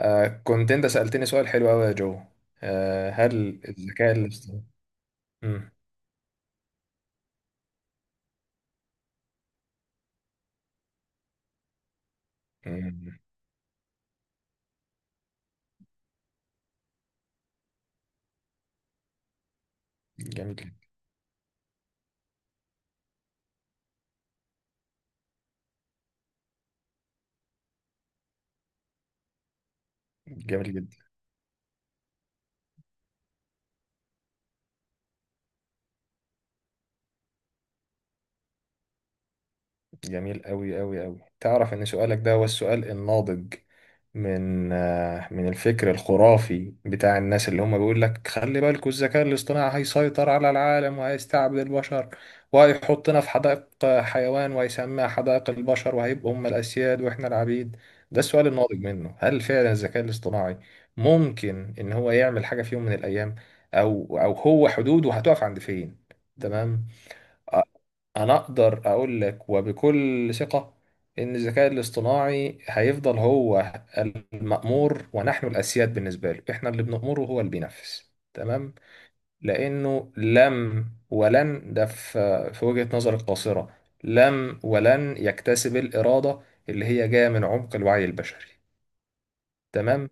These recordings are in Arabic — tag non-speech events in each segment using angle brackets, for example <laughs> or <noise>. آه كنت انت سألتني سؤال حلو قوي يا جو. آه، هل الذكاء الاصطناعي؟ مم، مم، جميل جدا. جميل جدا. جميل أوي أوي أوي. تعرف إن سؤالك ده هو السؤال الناضج من من الفكر الخرافي بتاع الناس اللي هم بيقول لك خلي بالكوا الذكاء الاصطناعي هيسيطر على العالم وهيستعبد البشر، وهيحطنا في حدائق حيوان، وهيسميها حدائق البشر، وهيبقوا هم الأسياد وإحنا العبيد. ده السؤال الناضج منه، هل فعلا الذكاء الاصطناعي ممكن إن هو يعمل حاجة في يوم من الأيام؟ أو هو حدوده هتقف عند فين؟ تمام. انا اقدر اقول لك وبكل ثقة ان الذكاء الاصطناعي هيفضل هو المأمور ونحن الاسياد. بالنسبة له احنا اللي بنأمره، هو اللي بينفذ. تمام. لانه لم ولن، ده في في وجهة نظر القاصرة، لم ولن يكتسب الإرادة اللي هي جاية من عمق الوعي البشري. تمام.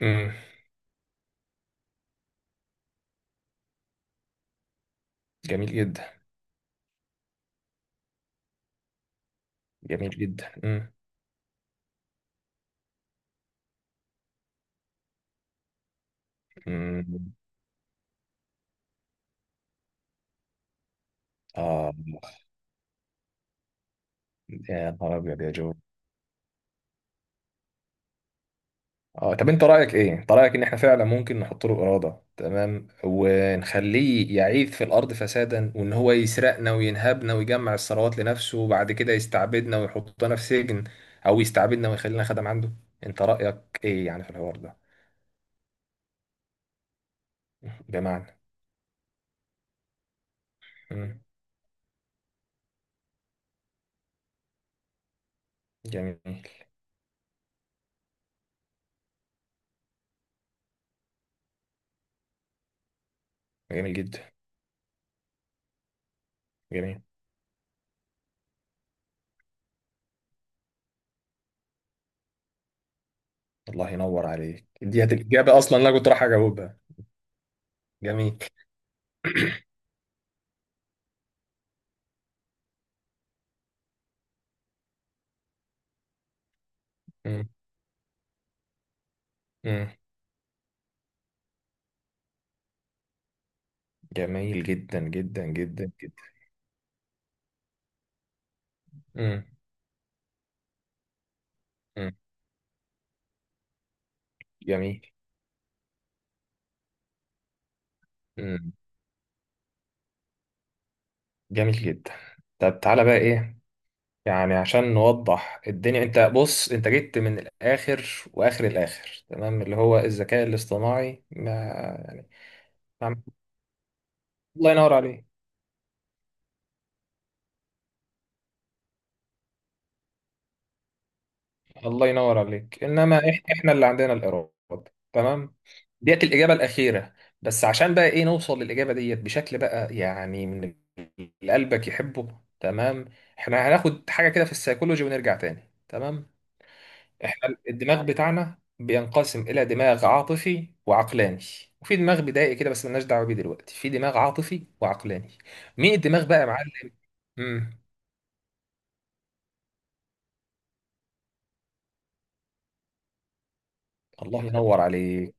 مم. جميل جدا. جميل جدا. مم. مم. آه، يا نهار أبيض يا جو. اه، طب انت رايك ايه؟ انت رايك ان احنا فعلا ممكن نحط له اراده، تمام، ونخليه يعيث في الارض فسادا، وان هو يسرقنا وينهبنا ويجمع الثروات لنفسه وبعد كده يستعبدنا ويحطنا في سجن او يستعبدنا ويخلينا خدم عنده؟ انت رايك ايه يعني في الحوار ده؟ بمعنى، مم. جميل. جميل جدا. جميل، الله ينور عليك، دي الاجابه اصلا اللي انا كنت رايح اجاوبها. جميل. <clears throat> مم. مم. جميل جدا جدا جدا جدا. مم. مم. جميل. مم. جميل جدا. طب تعالى بقى ايه، يعني عشان نوضح الدنيا، انت بص، انت جيت من الاخر، واخر الاخر تمام اللي هو الذكاء الاصطناعي ما يعني ما- الله ينور عليك. الله ينور عليك، انما احنا اللي عندنا الاراده. تمام، ديت الاجابه الاخيره، بس عشان بقى ايه نوصل للاجابه ديت بشكل بقى يعني من اللي قلبك يحبه. تمام، احنا هناخد حاجه كده في السيكولوجي ونرجع تاني. تمام. احنا الدماغ بتاعنا بينقسم الى دماغ عاطفي وعقلاني، وفي دماغ بدائي كده بس ملناش دعوه بيه دلوقتي. في دماغ عاطفي وعقلاني. مين الدماغ بقى يا معلم؟ امم الله ينور عليك.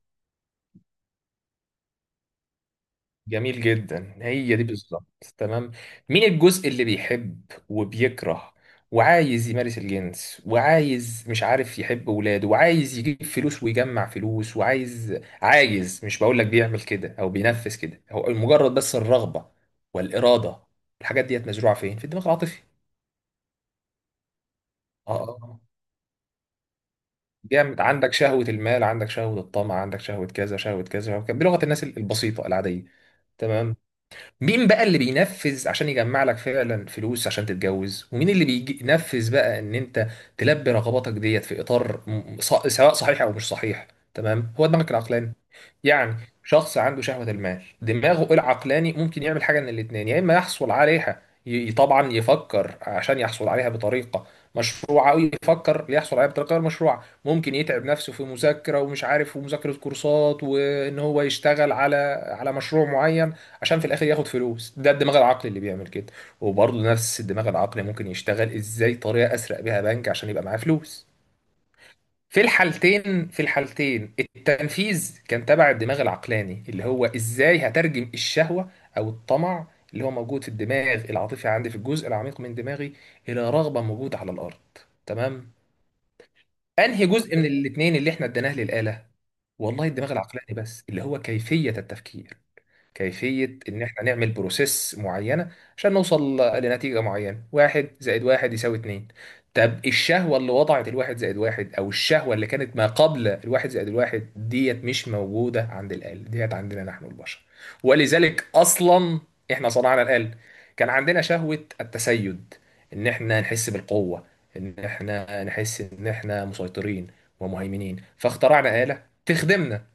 جميل جدا، هي دي بالظبط. تمام. مين الجزء اللي بيحب وبيكره وعايز يمارس الجنس وعايز مش عارف يحب ولاده وعايز يجيب فلوس ويجمع فلوس وعايز، عايز، مش بقول لك بيعمل كده او بينفذ كده، هو مجرد بس الرغبة والإرادة. الحاجات ديت مزروعة فين؟ في الدماغ العاطفي. اه، آه. آه. جامد. عندك شهوة المال، عندك شهوة الطمع، عندك شهوة كذا، شهوة كذا، شهوة كذا، بلغة الناس البسيطة العادية. تمام. مين بقى اللي بينفذ عشان يجمع لك فعلا فلوس عشان تتجوز، ومين اللي بينفذ بقى ان انت تلبي رغباتك ديت في اطار سواء صحيح او مش صحيح؟ تمام، هو دماغك العقلاني. يعني شخص عنده شهوة المال، دماغه العقلاني ممكن يعمل حاجة من الاتنين، يا إما يحصل عليها، طبعا يفكر عشان يحصل عليها بطريقة مشروعة، أو يفكر ليحصل عليها بطريقة غير مشروعة. ممكن يتعب نفسه في مذاكرة ومش عارف ومذاكرة كورسات وإن هو يشتغل على مشروع معين عشان في الآخر ياخد فلوس. ده الدماغ العقلي اللي بيعمل كده. وبرضه نفس الدماغ العقلي ممكن يشتغل إزاي طريقة أسرق بيها بنك عشان يبقى معاه فلوس. في الحالتين، في الحالتين التنفيذ كان تبع الدماغ العقلاني، اللي هو ازاي هترجم الشهوة او الطمع اللي هو موجود في الدماغ العاطفي عندي في الجزء العميق من دماغي الى رغبة موجودة على الارض. تمام. انهي جزء من الاتنين اللي احنا اديناه للآلة؟ والله، الدماغ العقلاني بس، اللي هو كيفية التفكير، كيفية إن إحنا نعمل بروسيس معينة عشان نوصل لنتيجة معينة. واحد زائد واحد يساوي اتنين. طب الشهوة اللي وضعت الواحد زائد واحد، أو الشهوة اللي كانت ما قبل الواحد زائد الواحد ديت، مش موجودة عند الآلة ديت، عندنا نحن البشر. ولذلك أصلا إحنا صنعنا الآلة. كان عندنا شهوة التسيد، إن إحنا نحس بالقوة، إن إحنا نحس إن إحنا مسيطرين ومهيمنين، فاخترعنا آلة تخدمنا.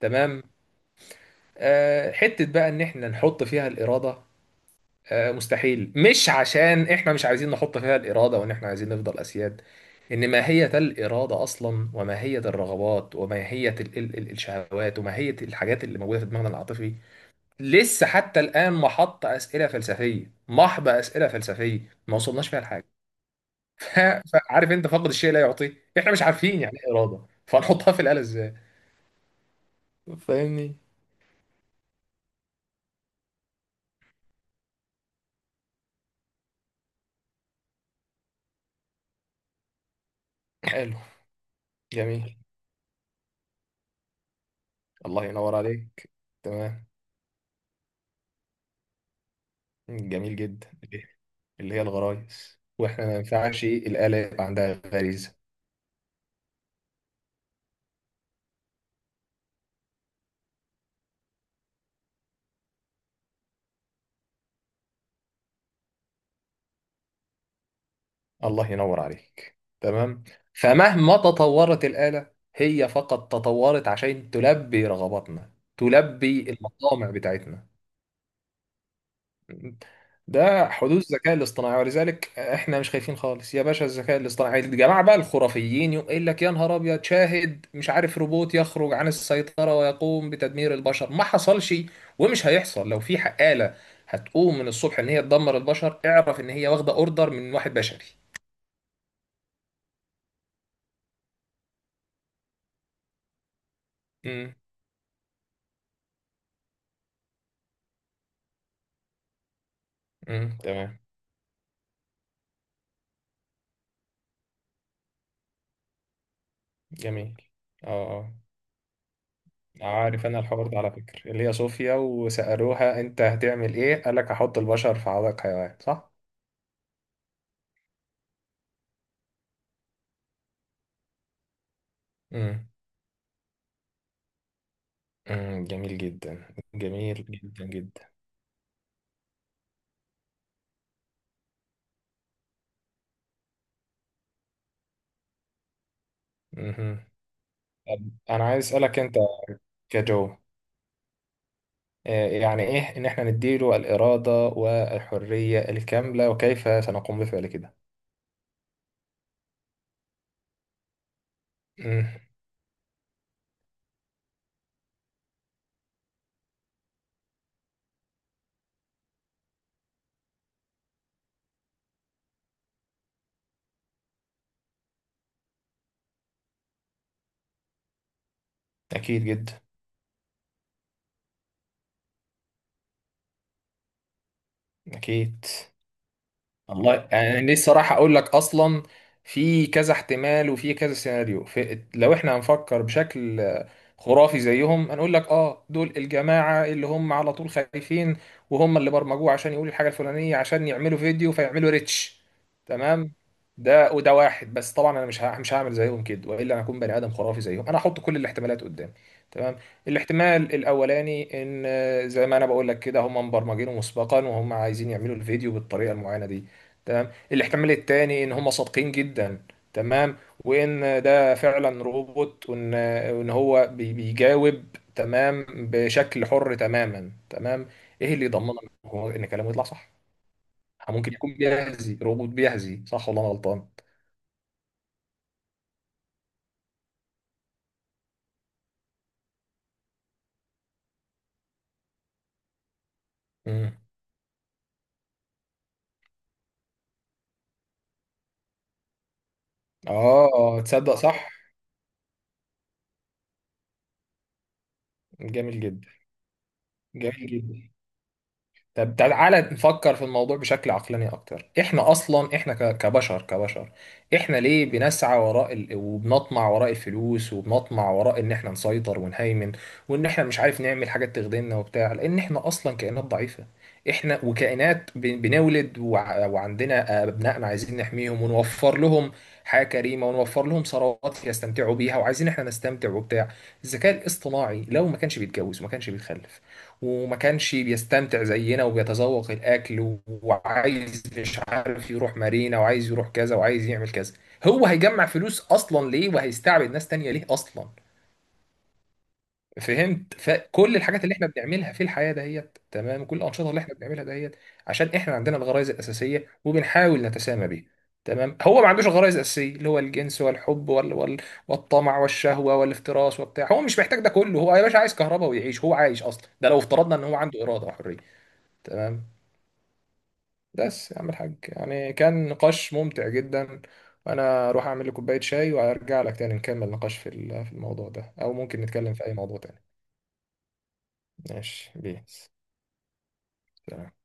تمام. آه، حتة بقى إن إحنا نحط فيها الإرادة، آه، مستحيل. مش عشان إحنا مش عايزين نحط فيها الإرادة وإن إحنا عايزين نفضل أسياد، إن ماهية الإرادة أصلا وماهية الرغبات وماهية الشهوات وماهية الحاجات اللي موجودة في دماغنا العاطفي لسه حتى الآن محط أسئلة فلسفية، محض أسئلة فلسفية، ما وصلناش فيها لحاجة. <laughs> ف- فعارف أنت، فاقد الشيء لا يعطيه. إحنا مش عارفين يعني إيه إرادة، فنحطها في الآلة إزاي؟ فاهمني. حلو. جميل. الله ينور عليك. تمام. جميل جدا، اللي هي الغرايز، واحنا ما ينفعش الآلة يبقى عندها غريزة. الله ينور عليك. تمام. فمهما تطورت الآلة، هي فقط تطورت عشان تلبي رغباتنا، تلبي المطامع بتاعتنا. ده حدوث الذكاء الاصطناعي. ولذلك احنا مش خايفين خالص يا باشا الذكاء الاصطناعي. الجماعه بقى الخرافيين يقول لك يا نهار ابيض، شاهد مش عارف روبوت يخرج عن السيطره ويقوم بتدمير البشر. ما حصلش ومش هيحصل. لو في آلة هتقوم من الصبح ان هي تدمر البشر، اعرف ان هي واخده اوردر من واحد بشري. امم. امم، تمام. جميل. اه. اه، عارف، انا الحوار ده على فكره اللي هي صوفيا، وسألوها انت هتعمل ايه، قال لك هحط البشر في حدائق حيوان. صح. مم، جميل جدا. جميل جدا جدا. مهم. طب انا عايز اسالك انت كجو، آه، يعني ايه ان احنا نديله الاراده والحريه الكامله، وكيف سنقوم بفعل كده؟ مم، اكيد جدا. اكيد. الله، يعني أنا لسه راح اقول لك اصلا. في كذا احتمال وفي كذا سيناريو. في، لو احنا هنفكر بشكل خرافي زيهم، هنقول لك اه، دول الجماعه اللي هم على طول خايفين وهم اللي برمجوه عشان يقولوا الحاجه الفلانيه عشان يعملوا فيديو فيعملوا ريتش. تمام، ده وده واحد. بس طبعا انا مش هعمل زيهم كده، والا انا اكون بني ادم خرافي زيهم. انا هحط كل الاحتمالات قدامي. تمام. الاحتمال الاولاني ان آه، زي ما انا بقول لك كده، هم مبرمجينه مسبقا وهم عايزين يعملوا الفيديو بالطريقه المعينه دي. تمام. الاحتمال الثاني ان هم صادقين جدا، تمام، وان ده فعلا روبوت، وان هو بيجاوب تمام بشكل حر تماما. تمام. ايه اللي يضمن هو ان كلامه يطلع صح؟ ممكن يكون بيهزي. روبوت بيهزي، صح ولا انا غلطان؟ امم. اه، تصدق صح. جميل جدا. جميل جدا. طب تعالى نفكر في الموضوع بشكل عقلاني اكتر. احنا اصلا، احنا كبشر، كبشر، احنا ليه بنسعى وراء ال... وبنطمع وراء الفلوس، وبنطمع وراء ان احنا نسيطر ونهيمن، وان احنا مش عارف نعمل حاجات تخدمنا وبتاع؟ لان احنا اصلا كائنات ضعيفة، احنا، وكائنات ب... بنولد، وع... وعندنا ابنائنا عايزين نحميهم ونوفر لهم حياة كريمة، ونوفر لهم ثروات يستمتعوا بيها، وعايزين احنا نستمتع وبتاع. الذكاء الاصطناعي لو ما كانش بيتجوز، وما كانش بيتخلف، وما كانش بيستمتع زينا وبيتذوق الأكل، وعايز مش عارف يروح مارينا، وعايز يروح كذا، وعايز يعمل كذا، هو هيجمع فلوس أصلا ليه، وهيستعبد ناس تانية ليه أصلا؟ فهمت؟ فكل الحاجات اللي احنا بنعملها في الحياة دهيت، تمام، كل الأنشطة اللي احنا بنعملها دهيت، عشان احنا عندنا الغرائز الأساسية وبنحاول نتسامى بيها. تمام. هو ما عندوش الغرائز الأساسية اللي هو الجنس والحب وال... وال... والطمع والشهوة والافتراس وبتاع. هو مش محتاج ده كله. هو يا باشا عايز كهرباء ويعيش، هو عايش أصلا. ده لو افترضنا إن هو عنده إرادة وحرية. تمام. بس يا عم الحاج، يعني كان نقاش ممتع جدا. وانا اروح اعمل لي كوبايه شاي وارجع لك تاني نكمل نقاش في في الموضوع ده، او ممكن نتكلم في اي موضوع تاني. ماشي، بيس. سلام.